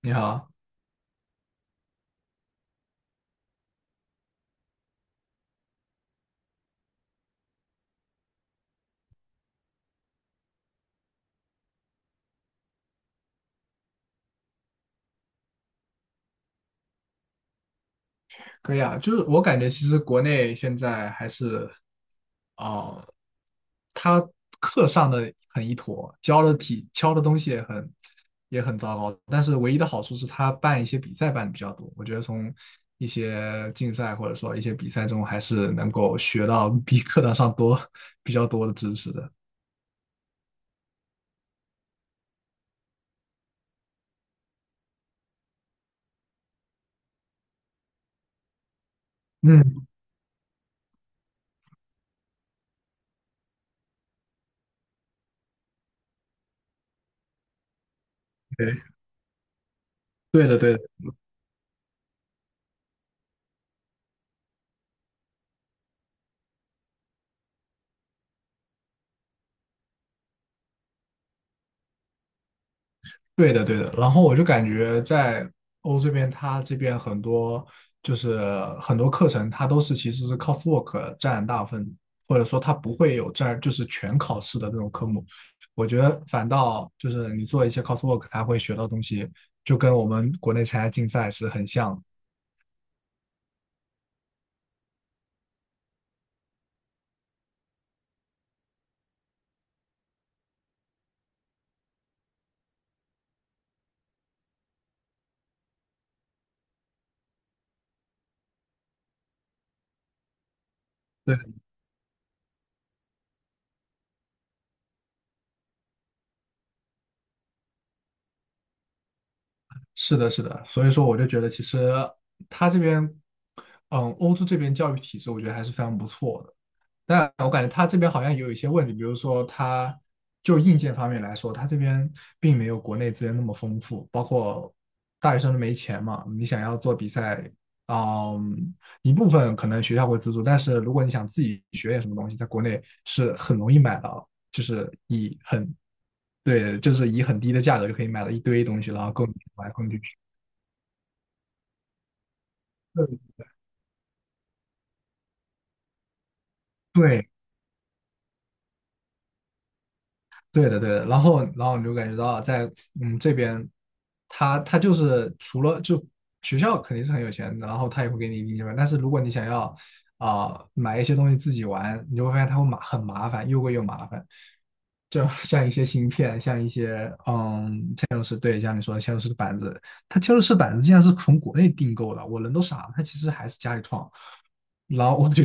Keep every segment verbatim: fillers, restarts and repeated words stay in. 你好。可以啊，就是我感觉其实国内现在还是哦，呃他课上的很一坨，教的题教的东西也很也很糟糕，但是唯一的好处是他办一些比赛办的比较多。我觉得从一些竞赛或者说一些比赛中还是能够学到比课堂上多 比较多的知识的。嗯。对。对的，对的。对的，对的。然后我就感觉在欧这边，它这边很多就是很多课程，它都是其实是 coursework 占大部分，或者说它不会有占就是全考试的那种科目。我觉得反倒就是你做一些 coursework,它会学到东西，就跟我们国内参加竞赛是很像。对。是的，是的。所以说，我就觉得其实它这边，嗯，欧洲这边教育体制，我觉得还是非常不错的。但我感觉他这边好像也有一些问题，比如说他就硬件方面来说，他这边并没有国内资源那么丰富，包括大学生都没钱嘛。你想要做比赛，嗯，一部分可能学校会资助。但是如果你想自己学点什么东西，在国内是很容易买到，就是以很，对，就是以很低的价格就可以买到一堆东西，然后供你玩，供你去学。对，对的，对的。然后，然后你就感觉到在嗯这边，他他就是除了就学校肯定是很有钱，然后他也会给你一定钱吧。但是如果你想要啊、买一些东西自己玩，你就会发现他会麻很麻烦，又贵又麻烦。就 像一些芯片，像一些嗯嵌入式，对，像你说的嵌入式的板子，它嵌入式板子竟然是从国内订购的，我人都傻了，它其实还是家里创。然后我就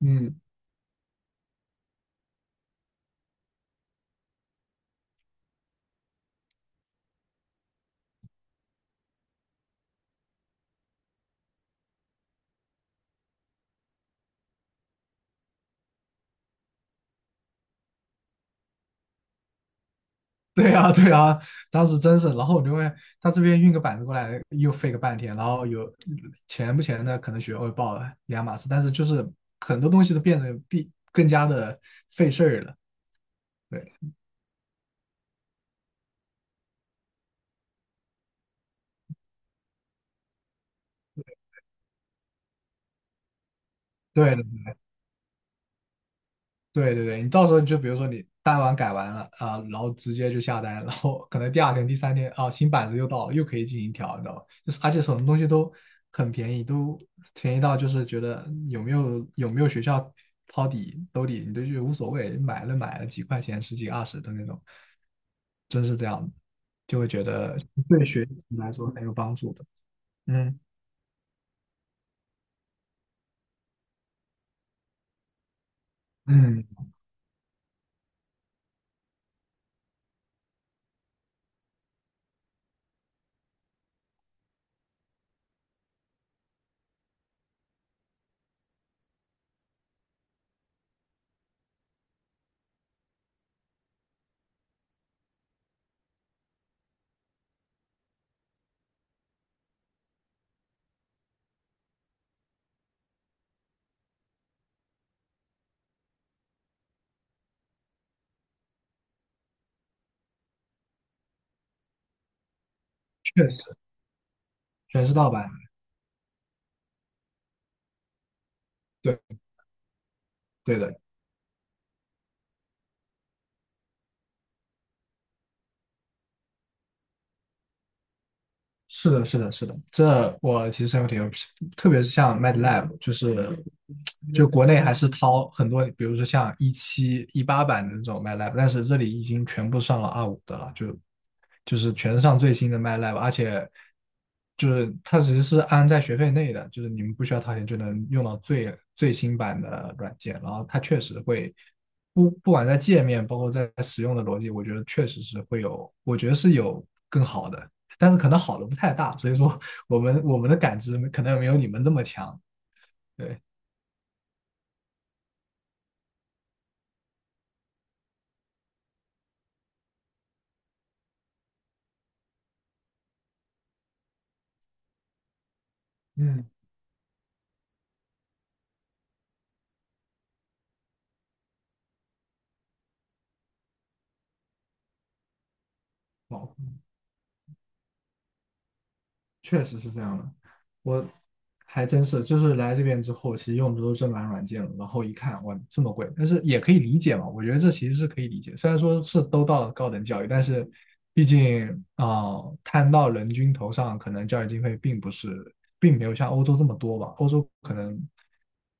嗯，对啊，对啊。当时真是，然后我就会他这边运个板子过来，又费个半天，然后有钱不钱的，可能学会报了两码事，但是就是很多东西都变得比更加的费事儿了。对对，对对对。你到时候就比如说你单完改完了啊、然后直接就下单，然后可能第二天、第三天啊、新板子又到了，又可以进行调，你知道吧？就是而且什么东西都很便宜，都便宜到就是觉得有没有有没有学校掏底兜底，你都就无所谓，买了买了几块钱、十几二十的那种，真是这样的就会觉得对学习来说很有帮助的。嗯嗯。确实，全是盗版。对，对的。是的，是的，是的，这我其实深有体会，特别是像 MATLAB,就是就国内还是掏很多，比如说像一七、一八版的那种 MATLAB,但是这里已经全部上了二五的了，就就是全上最新的 MATLAB。而且就是它其实是安在学费内的，就是你们不需要掏钱就能用到最最新版的软件，然后它确实会不不管在界面，包括在使用的逻辑，我觉得确实是会有，我觉得是有更好的。但是可能好的不太大，所以说我们我们的感知可能没有你们这么强。对。嗯，好。确实是这样的。我还真是就是来这边之后，其实用的都是正版软件了，然后一看哇这么贵，但是也可以理解嘛，我觉得这其实是可以理解。虽然说是都到了高等教育，但是毕竟啊、呃摊到人均头上，可能教育经费并不是，并没有像欧洲这么多吧。欧洲可能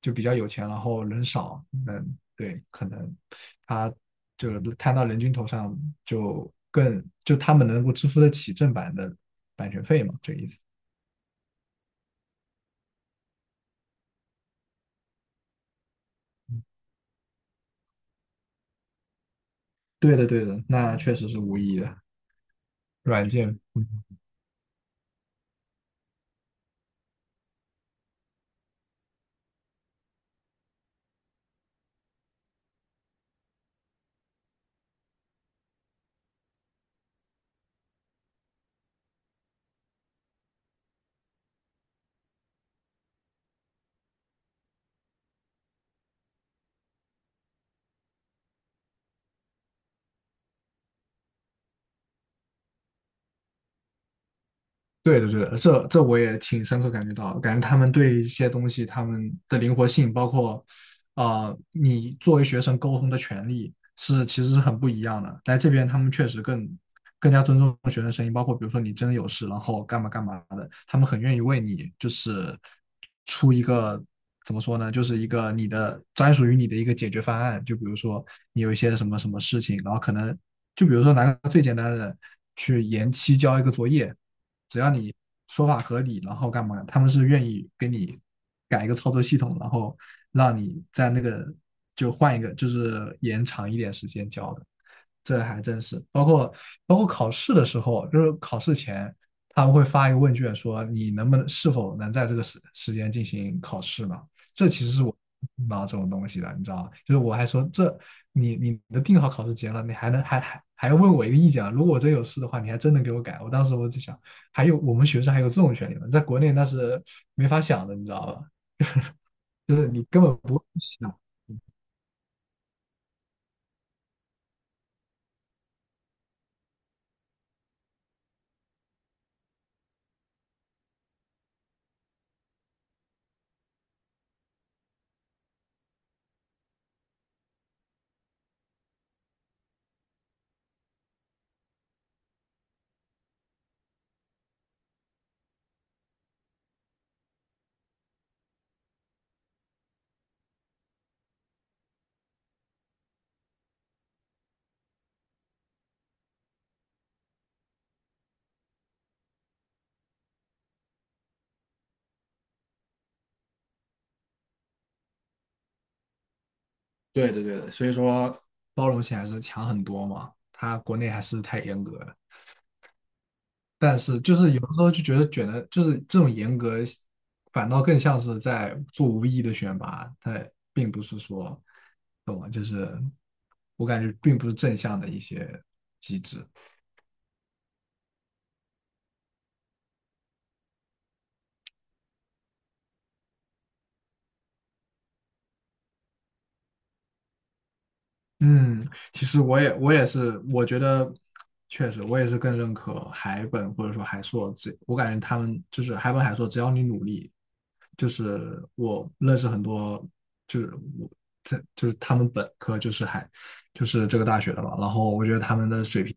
就比较有钱，然后人少，嗯，对，可能他就是摊到人均头上就更就他们能够支付得起正版的版权费嘛，这个意思。对的，对的，那嗯确实是无疑的。软件对的，对的，这这我也挺深刻感觉到的感觉他们对一些东西他们的灵活性，包括啊、呃你作为学生沟通的权利是其实是很不一样的。来这边他们确实更更加尊重学生声音，包括比如说你真的有事，然后干嘛干嘛的，他们很愿意为你就是出一个怎么说呢，就是一个你的专属于你的一个解决方案。就比如说你有一些什么什么事情，然后可能就比如说拿个最简单的去延期交一个作业。只要你说法合理，然后干嘛，他们是愿意给你改一个操作系统，然后让你在那个就换一个，就是延长一点时间交的。这还真是，包括包括考试的时候，就是考试前他们会发一个问卷，说你能不能是否能在这个时时间进行考试嘛？这其实是我不到这种东西的，你知道吗？就是我还说这你你都定好考试节了，你还能还还还要问我一个意见啊？如果我真有事的话，你还真能给我改？我当时我就想，还有我们学生还有这种权利吗？在国内那是没法想的，你知道吧？就是你根本不会想。对对对的，所以说，包容性还是强很多嘛。他国内还是太严格了，但是就是有的时候就觉得卷的，就是这种严格，反倒更像是在做无意义的选拔，它并不是说，懂吗？就是我感觉并不是正向的一些机制。嗯。其实我也我也是，我觉得确实我也是更认可海本或者说海硕这。我感觉他们就是海本海硕，只要你努力，就是我认识很多，就是我在就是他们本科就是海就是这个大学的嘛，然后我觉得他们的水平，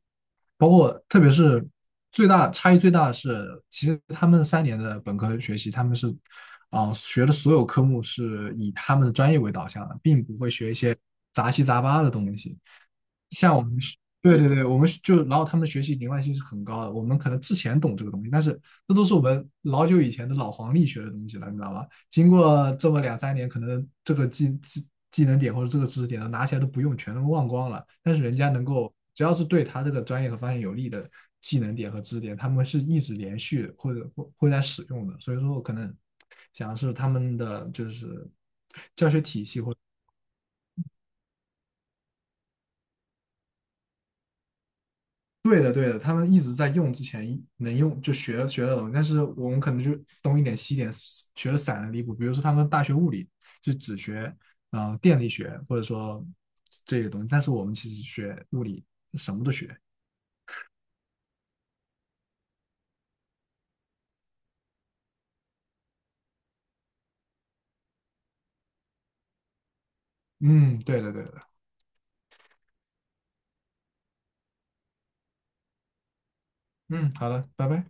包括特别是最大差异最大的是，其实他们三年的本科学习，他们是啊、呃学的所有科目是以他们的专业为导向的，并不会学一些杂七杂八的东西。像我们对对对，我们就然后他们学习灵外性是很高的。我们可能之前懂这个东西，但是那都是我们老久以前的老黄历学的东西了，你知道吧？经过这么两三年，可能这个技技技能点或者这个知识点拿起来都不用，全都忘光了。但是人家能够，只要是对他这个专业和方向有利的技能点和知识点，他们是一直连续或者会会在使用的。所以说，我可能想的是他们的就是教学体系或对的，对的，他们一直在用之前能用就学学的东西，但是我们可能就东一点西一点，学的散的离谱。比如说他们大学物理就只学呃电力学或者说这些东西，但是我们其实学物理什么都学。嗯，对的，对的，嗯，好的，拜拜。